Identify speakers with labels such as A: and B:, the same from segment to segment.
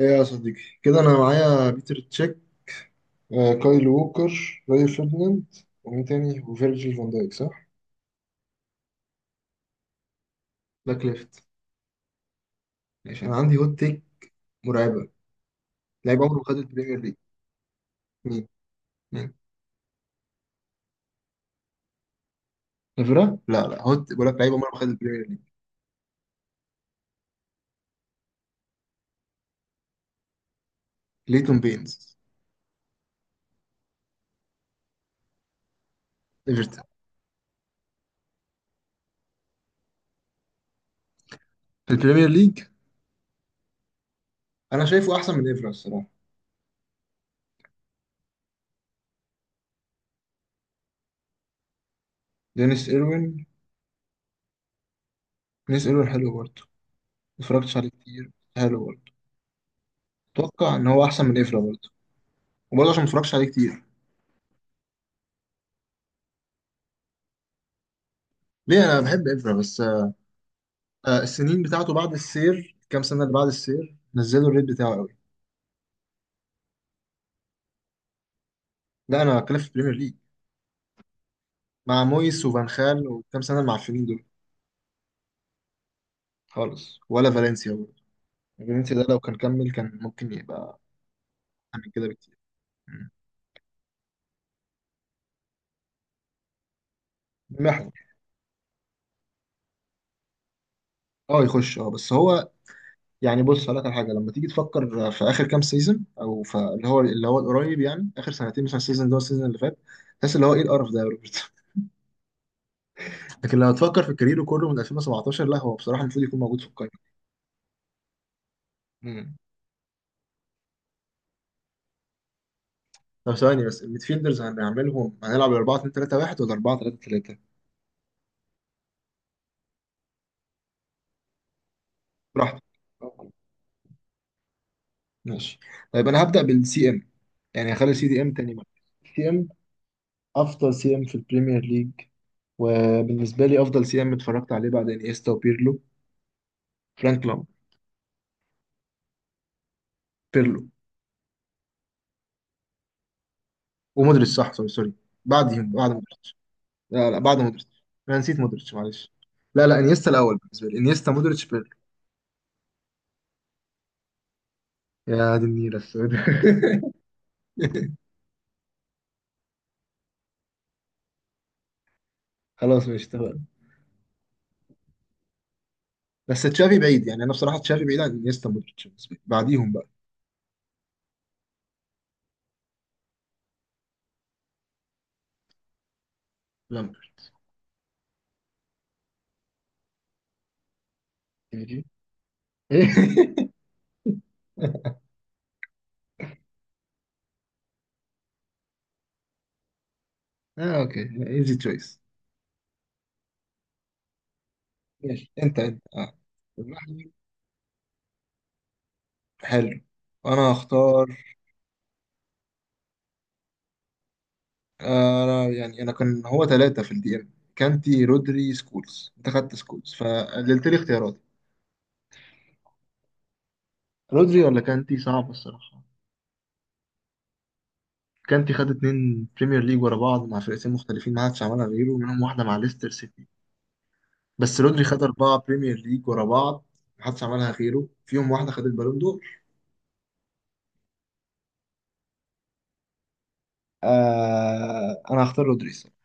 A: ايه يا صديقي كده انا معايا بيتر تشيك، كايل ووكر، راي فيرديناند، ومين تاني؟ وفيرجيل فان دايك صح؟ باك ليفت. ماشي انا عندي هوت تيك مرعبه. لعيب عمره ما خد البريمير ليج. مين؟ مين؟ نافيرا؟ لا لا، هوت بقول لك، لعيب عمره ما خد البريمير ليج. ليتون بينز. ايفرتون. في البريمير ليج. انا شايفه احسن من ايفرا الصراحه. دينيس ايروين. دينيس ايروين حلو برضه. ما اتفرجتش عليه كتير. حلو برضه. اتوقع ان هو احسن من ايفرا برضه، وبرضه عشان ما اتفرجتش عليه كتير. ليه؟ انا بحب ايفرا بس. السنين بتاعته بعد السير، كام سنة اللي بعد السير نزلوا الريت بتاعه قوي. لا أنا بتكلم في البريمير ليج، مع مويس وفان خال، وكام سنة المعفنين دول خالص. ولا فالنسيا برضه. فالنسيا ده لو كان كمل كان ممكن يبقى أحسن من كده بكتير. مم. محور. اه يخش، اه بس هو يعني، بص هقول لك على حاجه، لما تيجي تفكر في اخر كام سيزون، او في اللي هو اللي هو القريب يعني، اخر سنتين مثلا، السيزون ده والسيزون اللي فات، تحس اللي هو ايه القرف ده يا روبرت. لكن لو تفكر في كاريره كله من 2017، لا هو بصراحه المفروض يكون موجود في القائمه. مم. طب ثواني بس، الميدفيلدرز هنعملهم هنلعب 4 2 3 1 ولا 4 3 3؟ براحتك. ماشي. طيب انا هبدأ بالسي ام، يعني هخلي سي دي ام تاني مرة. سي ام. افضل سي ام في البريمير ليج، وبالنسبة لي افضل سي ام اتفرجت عليه بعد انيستا وبيرلو، فرانك لام. بيرلو. ومودريتش صح، سوري سوري. بعدهم، بعد مودريتش. لا لا، بعد مودريتش. انا نسيت مودريتش، معلش. لا لا، انيستا الاول بالنسبة لي، انيستا مودريتش بيرلو. يا دي النيلة السوداء. خلاص ماشي اتفقنا. بس تشافي بعيد يعني، انا بصراحه تشافي بعيد عن انيستا مودريتش بالنسبه لي، بعديهم بقى. لامبرت. إيجي. اه اوكي، ايزي تشويس. ماشي. انت اه، المحور. حلو. انا هختار، انا يعني انا كان هو 3 في الدي ام، كانتي رودري سكولز، انت خدت سكولز فقللت لي اختياراتي. رودري ولا كانتي صعب الصراحة. كانتي خد 2 بريمير ليج ورا بعض مع فرقتين مختلفين، ما حدش عملها غيره، منهم واحدة مع ليستر سيتي. بس رودري خد 4 بريمير ليج ورا بعض، محدش عملها غيره، فيهم واحدة خد البالون دور. أنا هختار رودري الصراحة.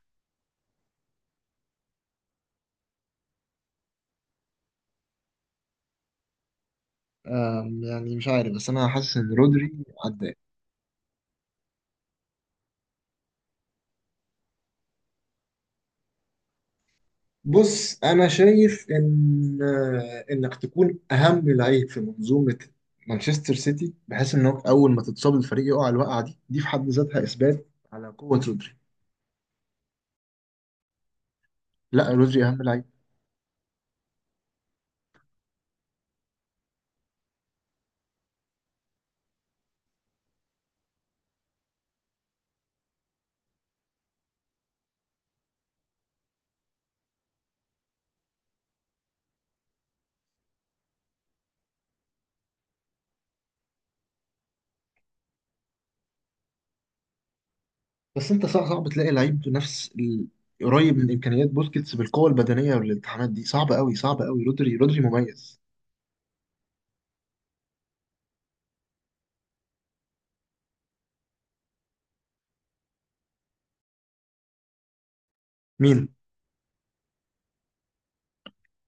A: يعني مش عارف بس أنا حاسس إن رودري عداه. بص أنا شايف إن إنك تكون أهم لعيب في منظومة مانشستر سيتي، بحيث إنك أول ما تتصاب الفريق يقع، الوقعة دي في حد ذاتها إثبات على قوة رودري. لا رودري أهم لعيب. بس انت صعب، صعب تلاقي لعيب قريب من امكانيات بوسكيتس، بالقوه البدنيه والالتحامات دي صعبه قوي صعبه قوي، رودري رودري مميز. مين؟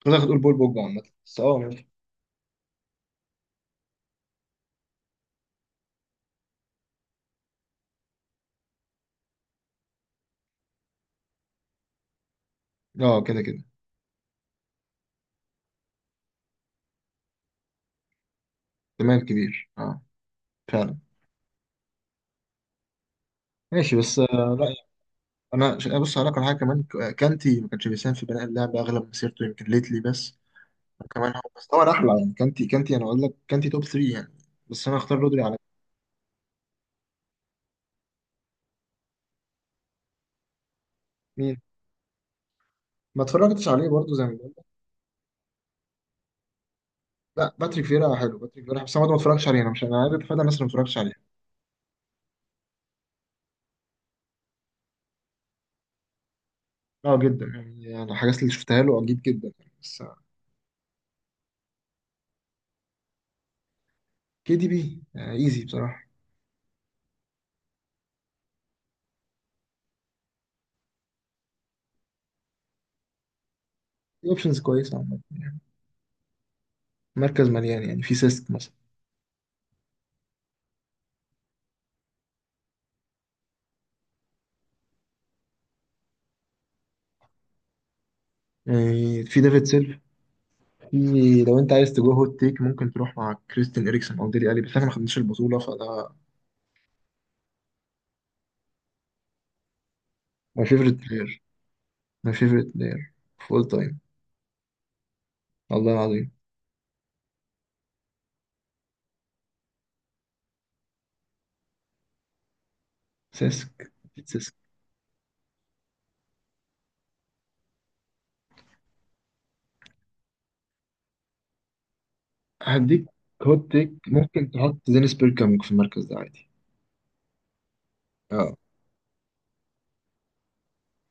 A: كنت هتقول بول بوجبا عامه بس اه ماشي. اه كده كده. تمام كبير اه، فعلا. ماشي بس لا، بص هقول لك على حاجه كمان، كانتي ما كانش بيساهم في بناء اللعب اغلب مسيرته، يمكن ليتلي بس. كمان هو بس، طبعا احلى يعني، كانتي كانتي، انا اقول لك كانتي توب 3 يعني، بس انا اختار رودري على. مين؟ ما اتفرجتش عليه برضه زي ما. لا باتريك فيرا حلو، باتريك فيرا بس انا برضه ما اتفرجتش عليه، انا مش، انا عارف فتى الناس اللي ما اتفرجتش عليها. اه جدا يعني، انا الحاجات اللي شفتها له اكيد جدا يعني بس. كي دي بي ايزي بصراحه. في اوبشنز كويسه عامه يعني، مركز مليان، يعني في سيسك مثلا، يعني في ديفيد سيلف، في، لو انت عايز تجو هوت تيك ممكن تروح مع كريستين اريكسون او ديلي الي، بس انا ما خدناش البطوله فده. ماي فيفرت بلاير. ماي فيفرت بلاير فول تايم، والله العظيم. سيسك. سيسك. هديك. هوت تيك، ممكن تحط دينيس بيركامك في المركز ده عادي. اه،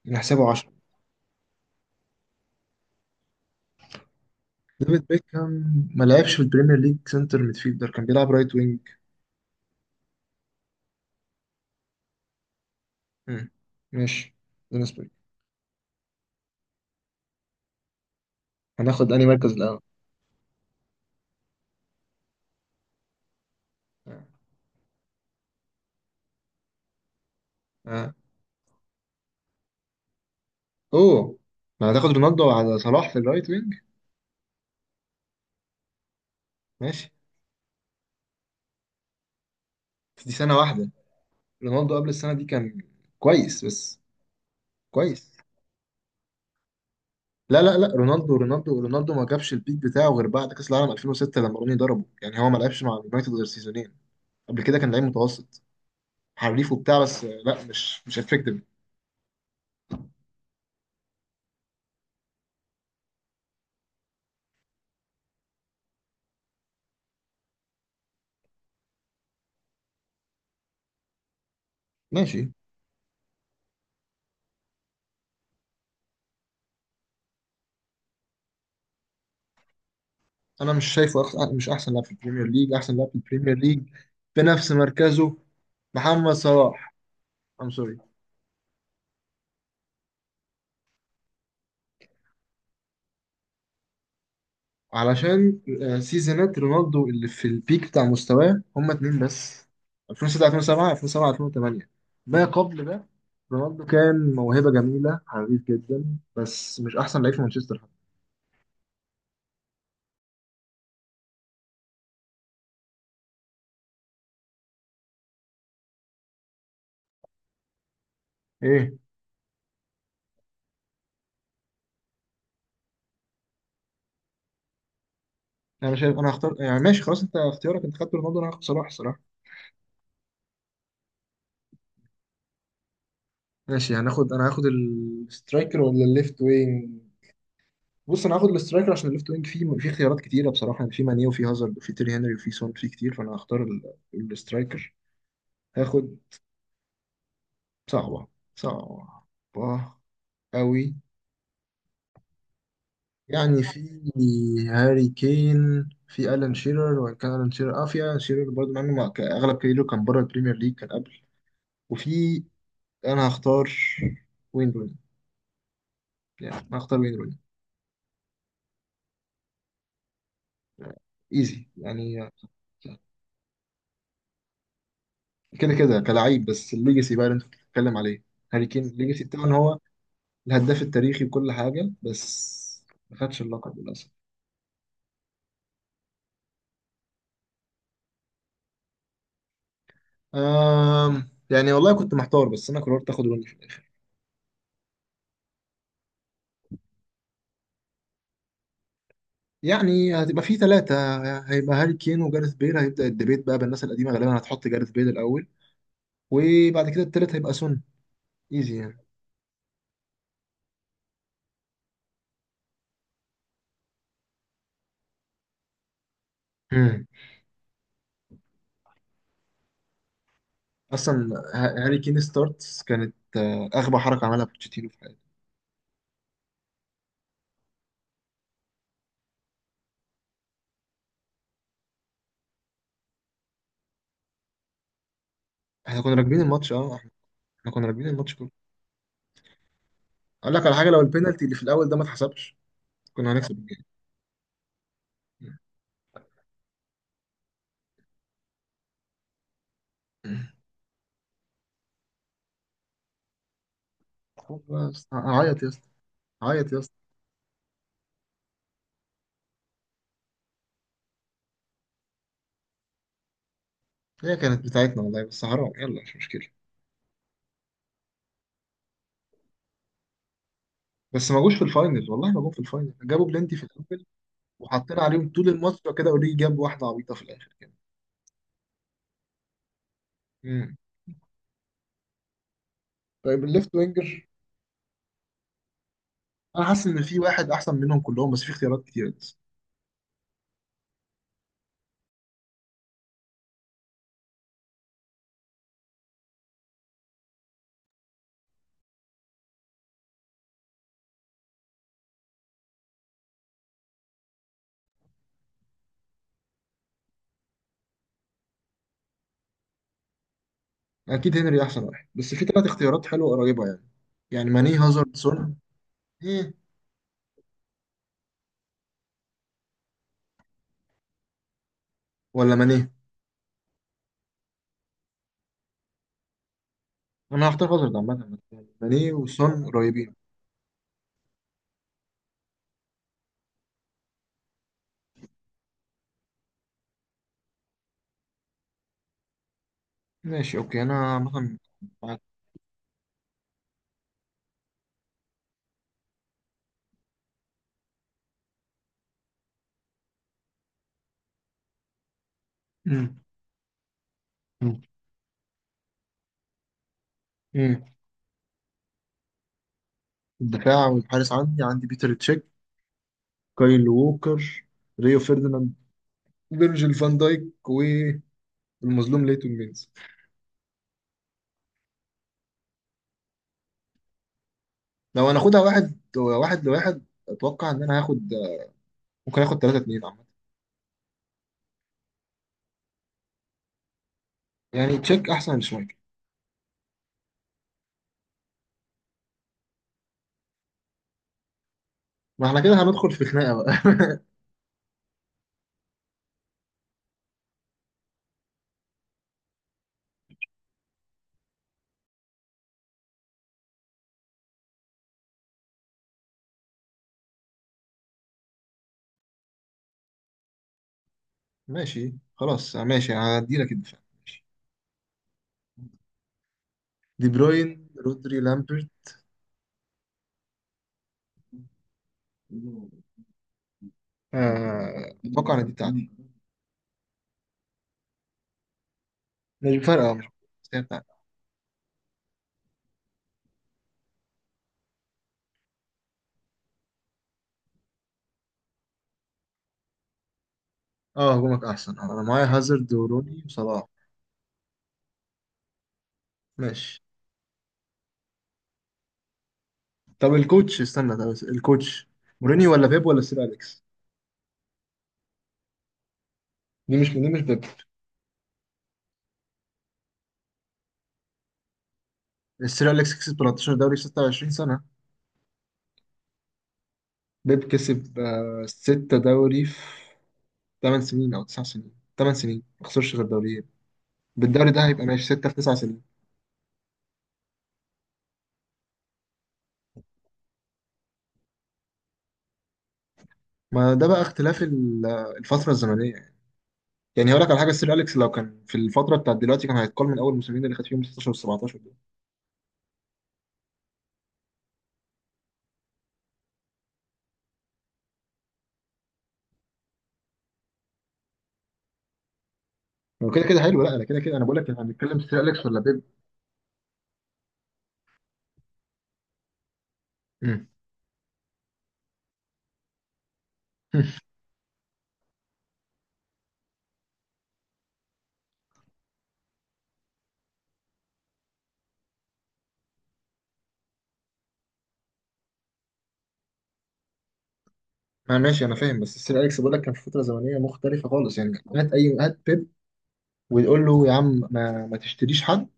A: نحسبه 10. ديفيد بيكهام ما لعبش في البريمير ليج سنتر ميدفيلدر، كان بيلعب رايت وينج. مم. ماشي. بالنسبة لي، هناخد أنهي مركز الأول؟ آه. آه. اوه، ما هتاخد رونالدو على صلاح في الرايت وينج! ماشي، بس دي سنة واحدة. رونالدو قبل السنة دي كان كويس بس. كويس. لا لا لا، رونالدو رونالدو رونالدو ما جابش البيك بتاعه غير بعد كأس العالم 2006 لما روني ضربه، يعني هو ما لعبش مع اليونايتد غير سيزونين. قبل كده كان لعيب متوسط، حريف وبتاع بس لا، مش افكتيف. ماشي. انا مش شايفه أخ... مش احسن لاعب في البريمير ليج، احسن لاعب في البريمير ليج بنفس مركزه محمد صلاح. ام سوري. علشان سيزونات رونالدو اللي في البيك بتاع مستواه هما 2 بس، 2006 2007 2007 2008. ما قبل ده رونالدو كان موهبة جميلة حريف جدا، بس مش احسن لعيب في مانشستر حتى. ايه. انا شايف، انا هختار يعني، ماشي خلاص انت اختيارك، انت خدت رونالدو انا هاخد صلاح الصراحة. ماشي. هناخد، انا هاخد السترايكر ولا الليفت وينج؟ بص انا هاخد الاسترايكر، عشان الليفت وينج فيه في اختيارات كتيره بصراحه، يعني في ماني وفي هازارد وفي تيري هنري وفي سون، في كتير، فانا هختار الاسترايكر. هاخد، صعبه، صعبه قوي، يعني في هاري كين، في الان شيرر، وان كان الان شيرر اه في الان شيرر برضه، مع انه اغلب كاريره كان بره البريمير ليج كان قبل، وفي، انا هختار وين روني. يعني انا هختار وين روني، ايزي يعني. كده كده كلاعب، بس الليجاسي بقى اللي انت بتتكلم عليه. هاري كين الليجاسي بتاعه ان هو الهداف التاريخي وكل حاجة، بس ما خدش اللقب للأسف. آم يعني والله كنت محتار، بس أنا قررت آخد روني في الآخر. يعني هتبقى في 3، هيبقى هاري كين وجارث بيل، هيبدأ الديبيت بقى بالناس القديمة، غالبا هتحط جارث بيل الأول، وبعد كده التالت هيبقى سون، إيزي يعني. مم. هاري كين ستارتس كانت أغبى حركة عملها بوتشيتينو في حياته. احنا كنا راكبين الماتش اه احنا، إحنا كنا راكبين الماتش كله. أقول لك على حاجة، لو البينالتي اللي في الأول ده ما اتحسبش، كنا هنكسب الجيم. مم. خلاص بقى يا اسطى، هعيط يا اسطى، هعيط يا اسطى. هي كانت بتاعتنا والله، بس حرام، يلا مش مشكله. بس ما جوش في الفاينل، والله ما جم في الفاينل، جابوا بلنتي في الاول، وحطينا عليهم طول الماتش كده، اوريجي جاب واحده عبيطه في الاخر كده. مم. طيب الليفت وينجر. انا حاسس ان في واحد احسن منهم كلهم بس في اختيارات كتير بس. اكيد هنري احسن واحد، بس في 3 اختيارات حلوه قريبه يعني. يعني ماني هازارد سون. ايه. ولا ماني. انا هختار هازارد عامه. ماني وسون قريبين. ماشي اوكي، انا مثلا. معاك. مم. مم. مم. الدفاع والحارس، عندي، عندي بيتر تشيك، كايل ووكر، ريو فيرديناند، فيرجيل فان دايك، والمظلوم ليتون مينز. لو هناخدها واحد واحد لواحد، اتوقع ان انا هاخد، ممكن اخد 3 2 عامه، يعني تشيك احسن من شمايكل. ما احنا كده هندخل في خناقه بقى. ماشي خلاص ماشي، هدي لك الدفاع ماشي. دي بروين، رودري، لامبرت. اتوقع ان دي بتاعتي. مش فارقه، مش، بس هي بتاعتي. اه هجومك احسن، انا معايا هازارد وروني وصلاح. ماشي. طب الكوتش، استنى طب الكوتش. مورينيو ولا بيب ولا سير اليكس؟ دي مش بيب. السير اليكس كسب 13 دوري في 26 سنه، بيب كسب 6 دوري في 8 سنين او 9 سنين. 8 سنين ما خسرش غير دوريين، بالدوري ده هيبقى ماشي 6 في 9 سنين. ما ده بقى اختلاف الفتره الزمنيه يعني. يعني هقول لك على حاجه، السير اليكس لو كان في الفتره بتاعت دلوقتي كان هيتقال من اول الموسمين اللي خد فيهم 16 و17 دول. هو كده كده حلو، لا انا كده كده، انا بقول لك احنا هنتكلم سير اليكس ولا بيب؟ مم. ما ماشي انا فاهم، بس السير اليكس بقول لك كان في فتره زمنيه مختلفه خالص، يعني هات اي هات بيب ويقول له يا عم ما تشتريش حد.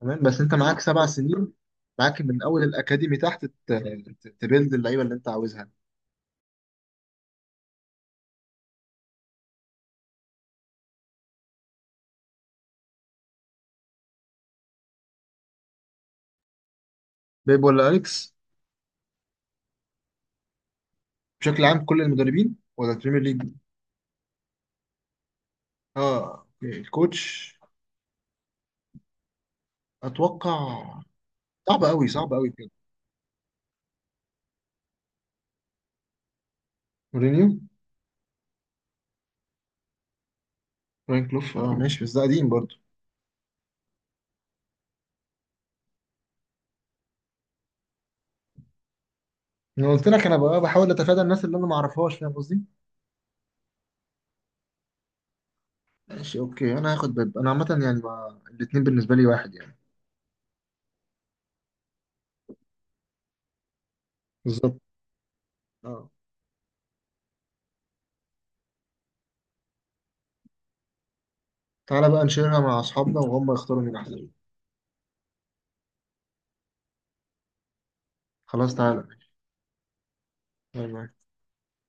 A: تمام بس انت معاك 7 سنين، معاك من اول الاكاديمي تحت تبيلد اللعيبه اللي انت عاوزها. بيب ولا اليكس؟ بشكل عام كل المدربين ولا البريمير ليج؟ اه أوكي. الكوتش، اتوقع، صعب قوي صعب قوي بجد. مورينيو. فرانك كلوف، اه ماشي، بس ده قديم برضه. انا قلت لك انا بقى بحاول اتفادى الناس اللي انا ما اعرفهاش، فاهم قصدي. ماشي اوكي انا هاخد باب انا عامه، يعني ما الاتنين بالنسبه لي واحد يعني. بالظبط. اه. تعالى بقى نشيرها مع اصحابنا وهم يختاروا مين احسن. خلاص تعالى ماشي. أنا معاك.